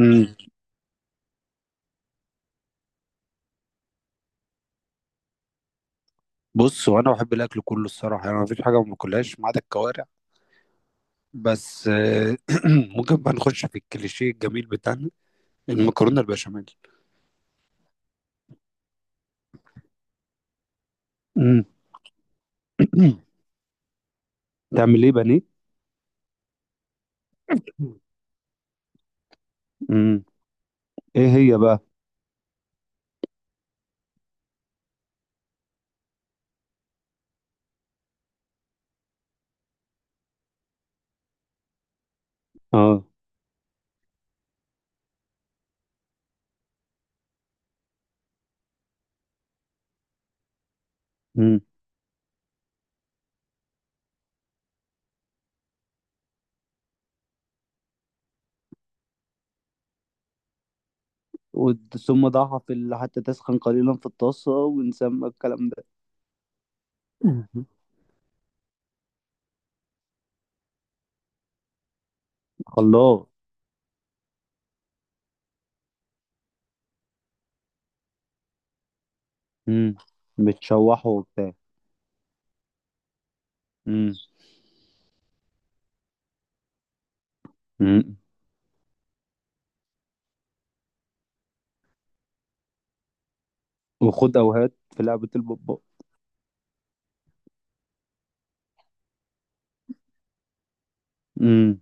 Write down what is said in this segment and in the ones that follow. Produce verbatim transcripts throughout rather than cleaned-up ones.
امم بص، هو انا بحب الاكل كله الصراحه، يعني مفيش حاجه ما باكلهاش ما عدا الكوارع. بس آه، ممكن بقى نخش في الكليشيه الجميل بتاعنا، المكرونه البشاميل. امم تعمل ايه؟ بانيه؟ امم ايه هي بقى؟ اه. امم ود- ثم ضعها في ال- حتى تسخن قليلا في الطاسة ونسمى الكلام ده. مم. خلاص. امم متشوحه وبتاع. امم امم وخد أوهات في لعبة البطباق. امم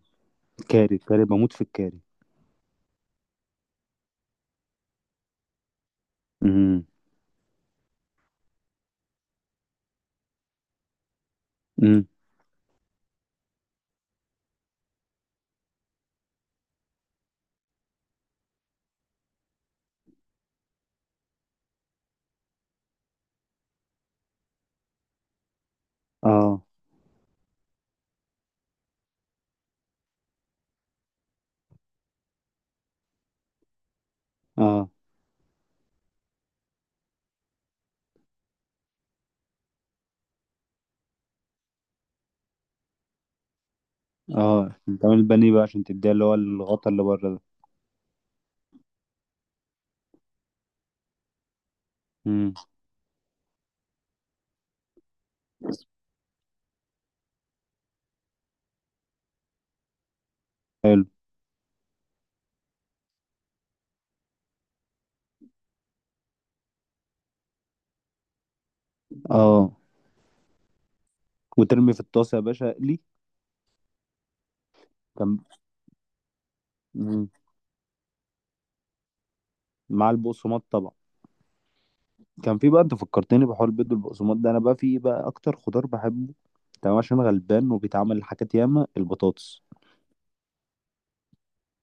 كاري كاري بموت في الكاري. امم اه. اه. اه بتعمل البانيه بقى عشان تديها اللي هو الغطا اللي بره ده. امم حلو. اه وترمي في الطاسه يا باشا اقلي. كان. مم. مع البقسماط طبعا. كان في بقى، انت فكرتني بحوار البيض والبقسماط ده. انا بقى في ايه بقى اكتر خضار بحبه؟ تمام. عشان غلبان وبيتعمل حاجات ياما، البطاطس.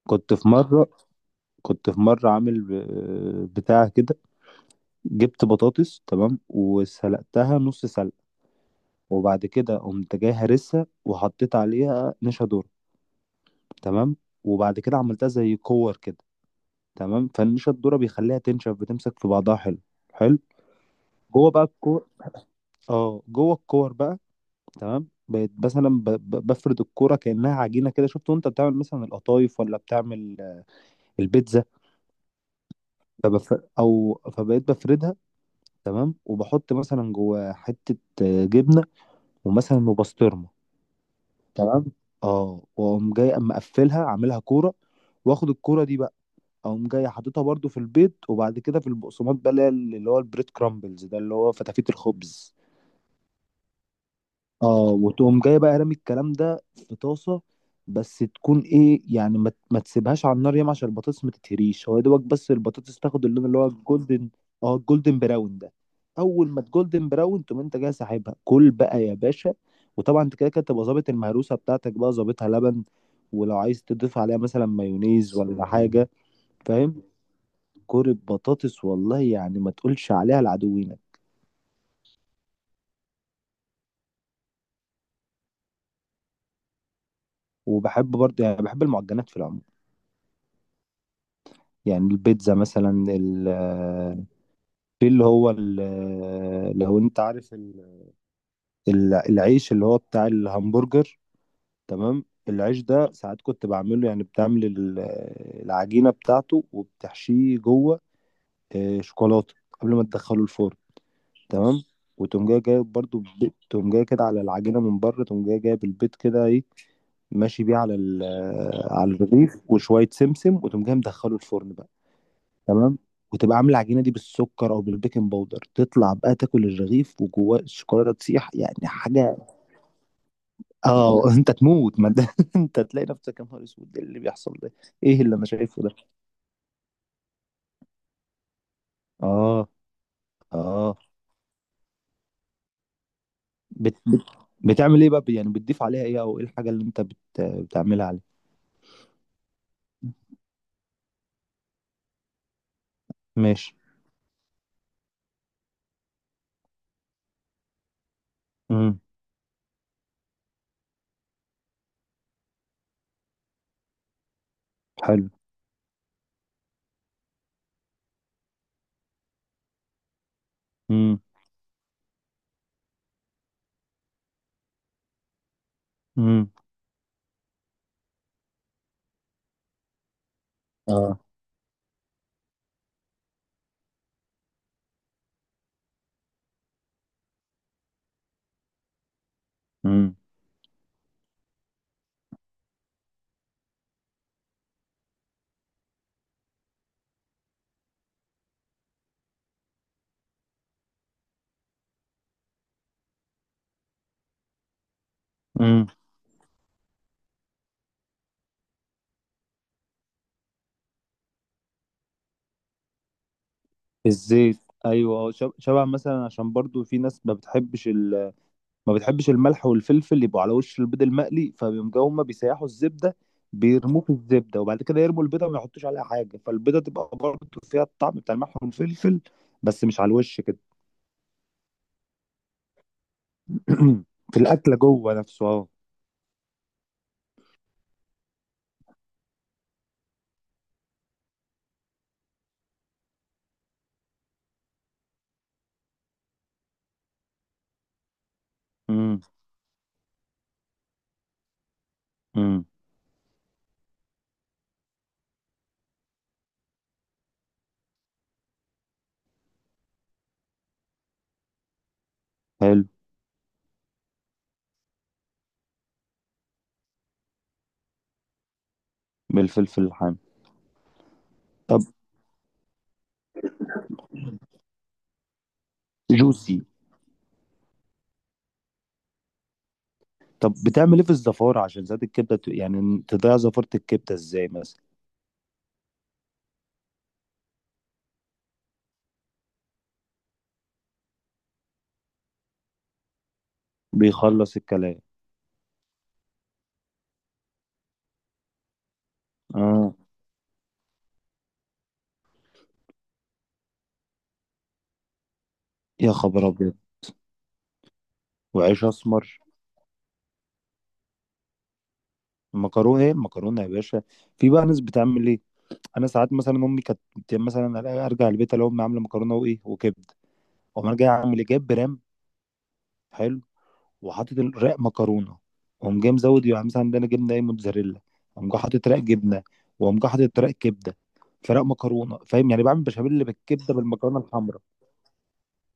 كنت في مره، كنت في مره عامل ب- بتاع كده. جبت بطاطس، تمام، وسلقتها نص سلق. وبعد كده قمت جاي هرسها وحطيت عليها نشا ذرة، تمام. وبعد كده عملتها زي كور كده، تمام. فالنشا الذره بيخليها تنشف، بتمسك في بعضها حلو. حلو جوه بقى الكور. اه جوه الكور بقى، تمام. بقيت مثلا ب... ب- بفرد الكوره كانها عجينه كده. شفت وانت بتعمل مثلا القطايف، ولا بتعمل آه، البيتزا. فبف... او فبقيت بفردها، تمام. وبحط مثلا جوه حته آه، جبنه، ومثلا وبسطرمه، تمام. اه واقوم جاي اما اقفلها اعملها كوره. واخد الكوره دي بقى، اقوم جاي حاططها برضو في البيض وبعد كده في البقسماط بقى اللي هي- اللي هو البريد كرامبلز ده، اللي هو فتافيت الخبز. اه وتقوم جاي بقى رامي الكلام ده في طاسه. بس تكون ايه يعني، ما, ما تسيبهاش على النار ياما عشان البطاطس ما تتهريش. هو يا دوبك بس البطاطس تاخد اللون اللي هو الجولدن. اه، الجولدن براون ده. اول ما الجولدن براون تقوم انت جاي ساحبها كل بقى يا باشا. وطبعا انت كده كده تبقى ظابط المهروسه بتاعتك، بقى ظابطها لبن، ولو عايز تضيف عليها مثلا مايونيز ولا حاجه. فاهم؟ كوره بطاطس، والله يعني ما تقولش عليها لعدوينك. وبحب برضه، يعني بحب المعجنات في العموم. يعني البيتزا مثلا، ال- آه، في اللي هو ال- آه، لو انت عارف ال- ال- العيش اللي هو بتاع الهمبرجر، تمام. العيش ده ساعات كنت بعمله، يعني بتعمل ال- آه، العجينة بتاعته وبتحشيه جوه آه، شوكولاتة، قبل ما تدخله الفرن، تمام. وتقوم جاي جايب برضه، تقوم جاي كده على العجينة من بره، تقوم جاي جايب البيض كده ايه، ماشي بيه على ال- على الرغيف وشويه سمسم، وتقوم جاي مدخله الفرن بقى، تمام. وتبقى عامله العجينه دي بالسكر او بالبيكنج باودر. تطلع بقى تاكل الرغيف وجواه الشوكولاته تسيح، يعني حاجه. اه انت تموت ما ده. انت تلاقي نفسك، يا نهار اسود! ايه اللي بيحصل ده؟ ايه اللي انا شايفه ده؟ اه. اه. بت... بت... بتعمل ايه بقى يعني؟ بتضيف عليها ايه، او ايه الحاجه اللي انت بت... بتعملها عليه؟ ماشي. امم حلو. امم امم اه. امم الزيت؟ ايوه آه، شب- شبع مثلا، عشان برضو في ناس ما بتحبش ال... ما بتحبش الملح والفلفل يبقوا على وش البيض المقلي، فبيقوموا هما بيسيحوا الزبده، بيرموه في الزبده وبعد كده يرموا البيضه وما يحطوش عليها حاجه، فالبيضه تبقى برضو فيها الطعم بتاع الملح والفلفل، بس مش على الوش كده. في الاكله جوه نفسه، اه. امم امم حلو. بالفلفل الحامي. طب جوسي. طب بتعمل ايه في الزفاره؟ عشان زيت الكبده ت- يعني تضيع زفاره الكبده ازاي مثلا؟ بيخلص الكلام. اه. يا خبر ابيض! وعيش اسمر. مكرونه ايه؟ مكرونه يا باشا. في بقى ناس بتعمل ايه؟ انا ساعات مثلا امي كانت بت- مثلا ألاقي- ارجع البيت الاقي امي عامله مكرونه وايه وكبده، اقوم انا جاي اعمل ايه؟ جايب برام. حلو. وحاطط الرق مكرونه، واقوم جاي مزود يعني مثلا عندنا جبنه ايه، موتزاريلا، اقوم جاي حاطط رق جبنه، واقوم جاي حاطط رق كبده، فرق مكرونه. فاهم؟ يعني بعمل بشاميل اللي بالكبده بالمكرونه الحمراء.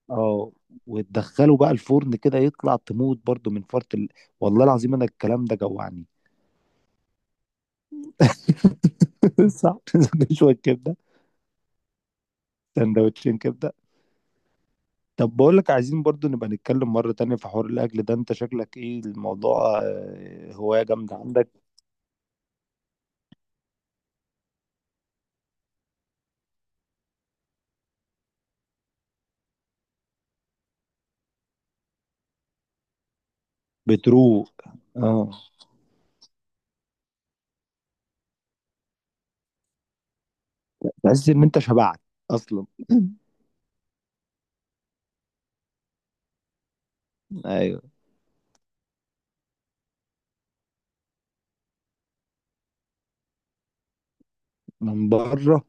اه وتدخله بقى الفرن كده يطلع تموت برضو من فرط ال... والله العظيم انا الكلام ده جوعني. صح. نشوي الكبده. سندوتشين كبده. طب بقول لك، عايزين برضو نبقى نتكلم مرة تانية في حوار الأكل ده. أنت شكلك إيه، الموضوع آه، هواية جامدة عندك. بتروق. أه. تحس إن أنت شبعت أصلا. أيوه. من بره.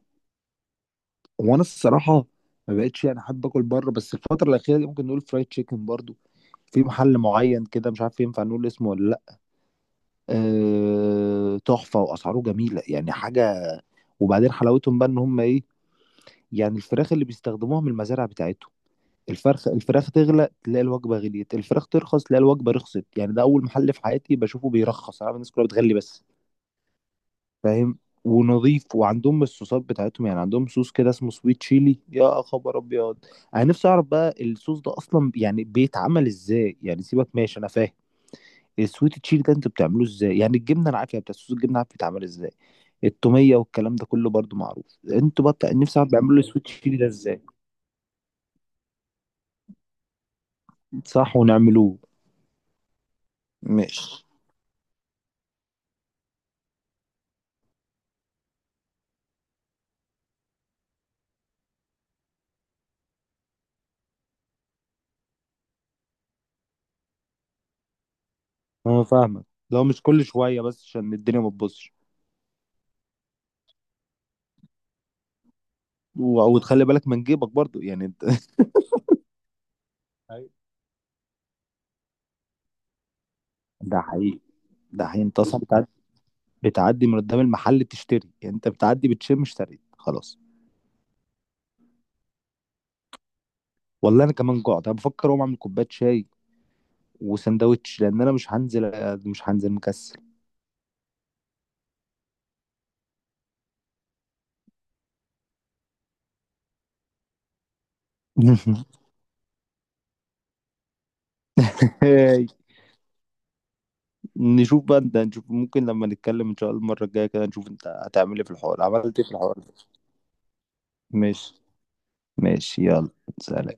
وأنا الصراحة ما بقتش يعني أحب آكل بره، بس الفترة الأخيرة دي ممكن نقول فرايد تشيكن برضو، في محل معين كده مش عارف ينفع نقول اسمه ولا لأ. أه تحفة وأسعاره جميلة، يعني حاجة. وبعدين حلاوتهم بقى إن هم إيه، يعني الفراخ اللي بيستخدموها من المزارع بتاعتهم. الفرخ، الفراخ تغلى تلاقي الوجبة غليت، الفراخ ترخص تلاقي الوجبة رخصت. يعني ده أول محل في حياتي بشوفه بيرخص، أنا عارف الناس كلها بتغلي بس. فاهم؟ ونظيف. وعندهم الصوصات بتاعتهم، يعني عندهم صوص كده اسمه سويت تشيلي. يا خبر أبيض! أنا نفسي أعرف بقى الصوص ده أصلا يعني بيتعمل إزاي، يعني سيبك، ماشي أنا فاهم. السويت تشيلي ده أنت بتعمله إزاي؟ يعني الجبنة أنا عارف، يعني بتاع صوص الجبنة عارف بيتعمل إزاي. التومية والكلام ده كله برضو معروف. أنتوا بقى بتاع- نفسي أعرف بيعملوا السويت تشيلي ده إزاي. صح ونعملوه. ماشي. انا فاهمك. لو مش كل شويه، بس عشان الدنيا ما تبصش. و- وتخلي بالك من جيبك برضو، يعني انت. أيوة. ده حقيقي. ده حقيقي، انت اصلا بتعدي، بتعدي من قدام المحل تشتري، يعني انت بتعدي بتشم اشتريت خلاص. والله انا كمان جوعت، انا بفكر اقوم اعمل كوبايه شاي وسندوتش لان انا مش هنزل، مش هنزل مكسل. هاي. نشوف بقى انت، نشوف ممكن لما نتكلم ان شاء الله المره الجايه كده نشوف انت هتعمل ايه في الحوار، عملت ايه في الحوار ده. ماشي. ماشي يلا. سلام.